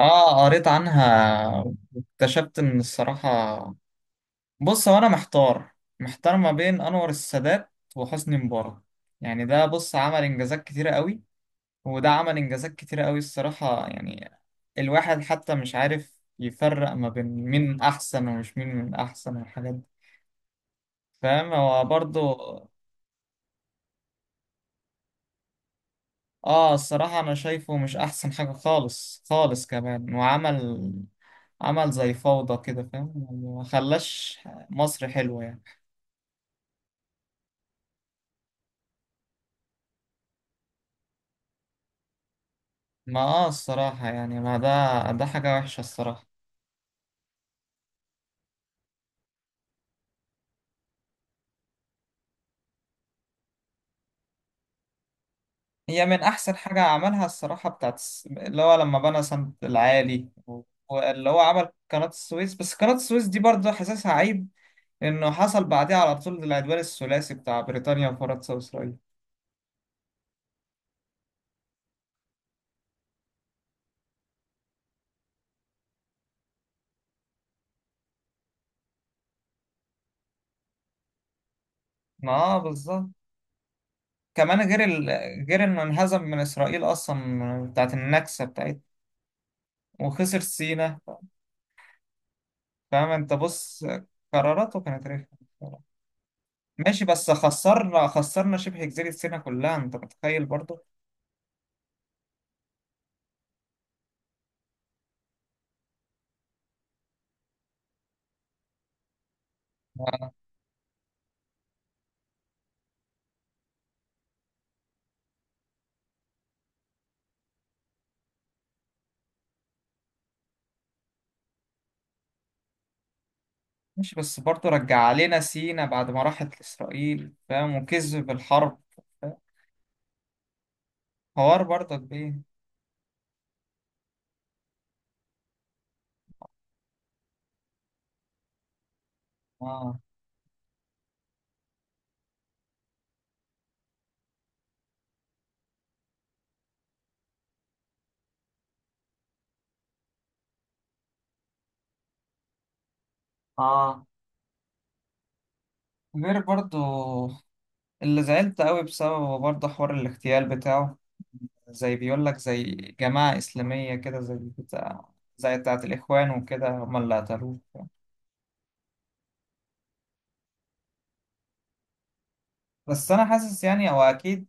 اه قريت عنها واكتشفت ان الصراحة. بص، هو انا محتار، ما بين انور السادات وحسني مبارك. يعني ده بص عمل انجازات كتيرة قوي، وده عمل انجازات كتيرة قوي الصراحة. يعني الواحد حتى مش عارف يفرق ما بين مين احسن ومش مين من احسن والحاجات دي. فاهم؟ هو برضه اه الصراحة أنا شايفه مش أحسن حاجة خالص خالص، كمان وعمل زي فوضى كده، فاهم؟ يعني ما خلاش مصر حلوة يعني. ما اه الصراحة يعني، ما ده حاجة وحشة الصراحة. هي من أحسن حاجة عملها الصراحة اللي هو لما بنى سد العالي، واللي هو عمل قناة السويس. بس قناة السويس دي برضه حاسسها عيب، إنه حصل بعدها على طول العدوان الثلاثي بتاع بريطانيا وفرنسا وإسرائيل. ما اه بالظبط. كمان غير انه انهزم من اسرائيل اصلا، بتاعت النكسه بتاعتها وخسر سينا. فاهم انت؟ بص، قراراته كانت رخمه بصراحة. ماشي، بس خسرنا، خسرنا شبه جزيره سينا كلها، انت متخيل برضه؟ ماشي، بس برضه رجع علينا سينا بعد ما راحت لاسرائيل، فاهم؟ وكذب الحرب، فاهم؟ حوار برضه كبير. اه. اه، غير برضه اللي زعلت قوي بسببه برضه، حوار الاغتيال بتاعه. زي بيقول لك زي جماعة إسلامية كده، زي بتاع، زي بتاعة الإخوان وكده، هم اللي قتلوه. بس أنا حاسس يعني هو أكيد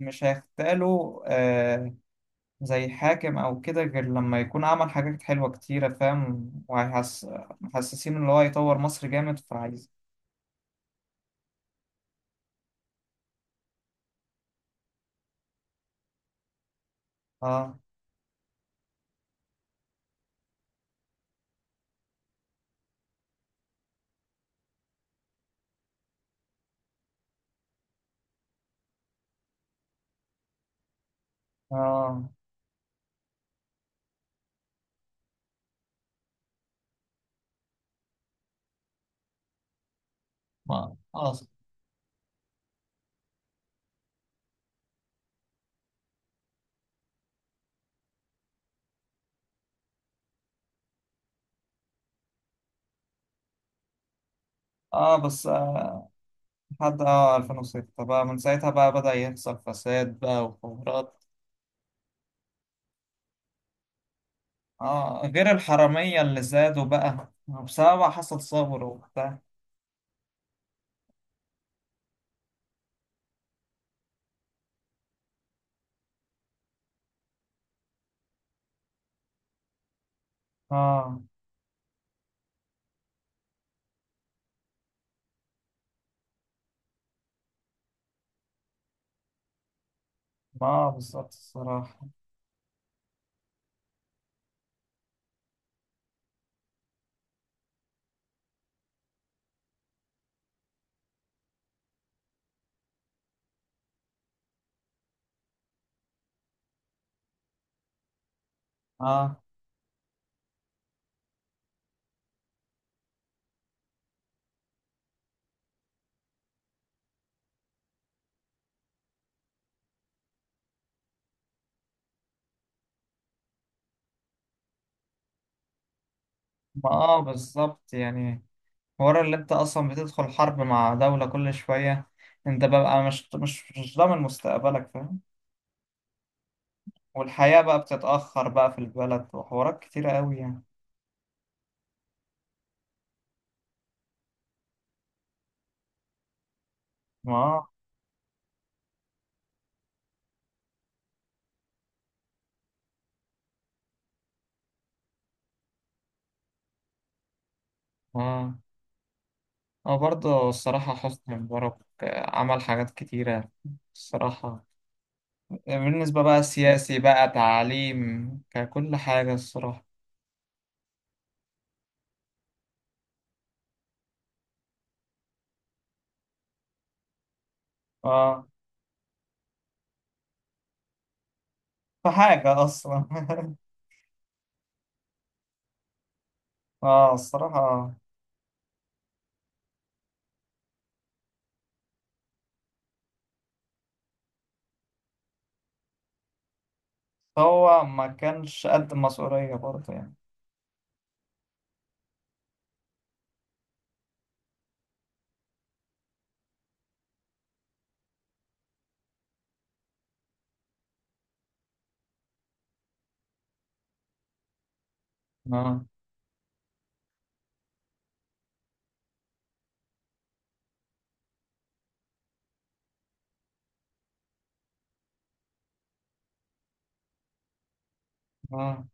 مش هيغتالوا آه زي حاكم أو كده، غير لما يكون عمل حاجات حلوة كتيرة، فاهم؟ وهيحس محسسين إن هو يطور مصر جامد فعايز. آه. آه. ما آه. آه بس آه، لحد آه 2006 بقى، من ساعتها بقى بدأ يحصل فساد بقى وحوارات. اه، غير الحرامية اللي زادوا بقى بسبب حصل ثورة وبتاع. اه، ما آه، بالظبط الصراحة. اه، ما آه، بالظبط يعني. ورا اللي انت اصلا بتدخل حرب مع دولة كل شوية، انت بقى مش ضامن مستقبلك، فاهم؟ والحياة بقى بتتأخر بقى في البلد، وحوارات كتيرة قوي يعني. ما آه. اه، هو برضه الصراحة حسني مبارك آه، عمل حاجات كتيرة الصراحة، بالنسبة بقى سياسي بقى تعليم ككل حاجة الصراحة. اه، في حاجة أصلا اه الصراحة. هو ما كانش قد المسؤولية برضه يعني. اه. اه،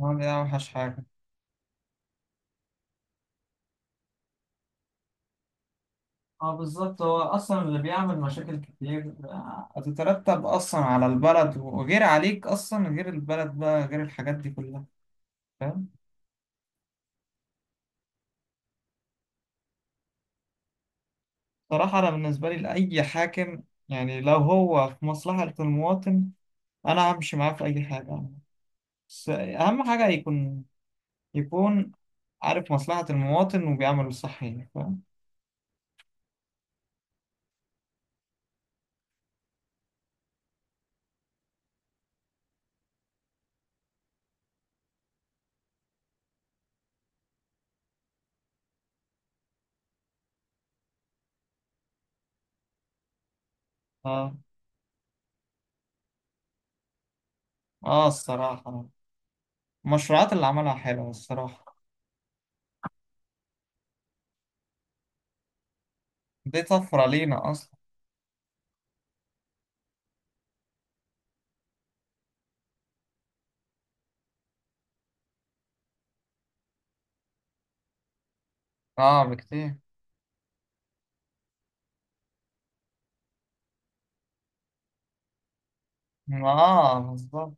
هو دي أوحش حاجة. اه بالظبط، هو أصلا اللي بيعمل مشاكل كتير آه، هتترتب أصلا على البلد، وغير عليك أصلا، غير البلد بقى، غير الحاجات دي كلها، فاهم؟ صراحة أنا بالنسبة لي لأي حاكم، يعني لو هو في مصلحة المواطن، أنا همشي معاه في أي حاجة. بس أهم حاجة يكون عارف مصلحة المواطن وبيعمل الصح يعني، فاهم؟ اه. اه الصراحة، المشروعات اللي عملها حلوة الصراحة، دي طفرة لينا أصلا. اه بكتير. ما اه، بالظبط.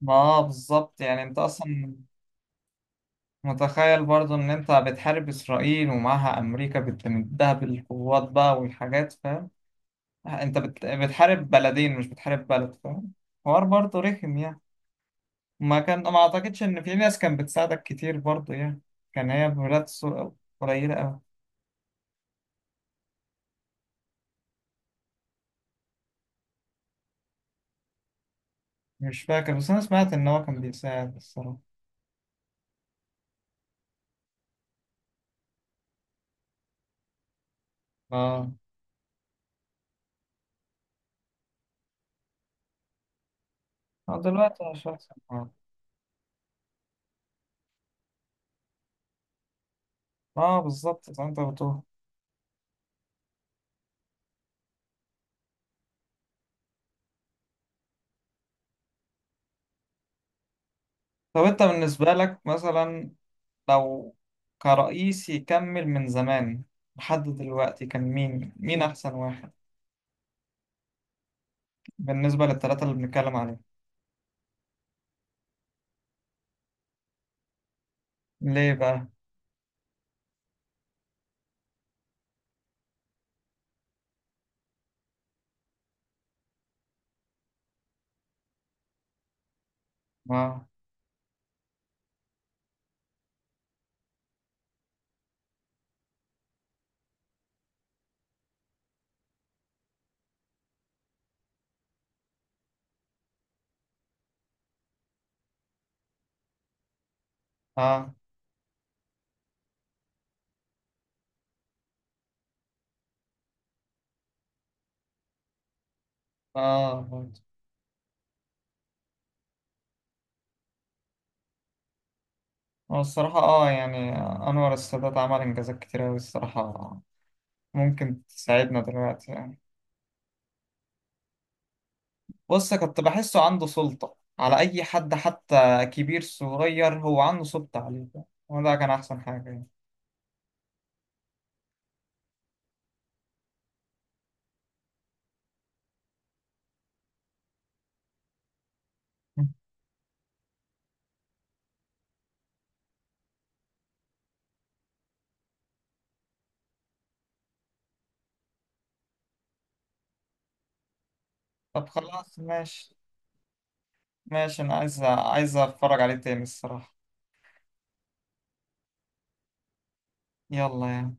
ما اه، بالظبط يعني، انت أصلا متخيل برضو إن أنت بتحارب إسرائيل ومعها أمريكا بتمدها بالقوات بقى والحاجات، فاهم؟ أنت بتحارب بلدين، مش بتحارب بلد، فاهم؟ حوار برضه رخم يعني. ما كان ما اعتقدش ان في ناس كانت بتساعدك كتير برضه يعني. كان هي بمرات سوء قليلة أوي. مش فاكر، بس أنا سمعت إن هو كان بيساعد الصراحة. آه. آه، دلوقتي مش أحسن آه. آه بالظبط زي ما أنت بتقول. طب أنت بالنسبة لك مثلا، لو كرئيس يكمل من زمان لحد دلوقتي، كان مين أحسن واحد بالنسبة للثلاثة اللي بنتكلم عليهم؟ ليه بقى؟ آه. آه. آه. آه. هو الصراحة اه يعني، أنور السادات عمل إنجازات كتير أوي الصراحة، ممكن تساعدنا دلوقتي يعني. بص، كنت بحسه عنده سلطة على أي حد، حتى كبير صغير هو عنده سلطة عليه، وده كان أحسن حاجة يعني. طب خلاص ماشي. ماشي، أنا عايز أتفرج عليه تاني الصراحة. يلا يعني.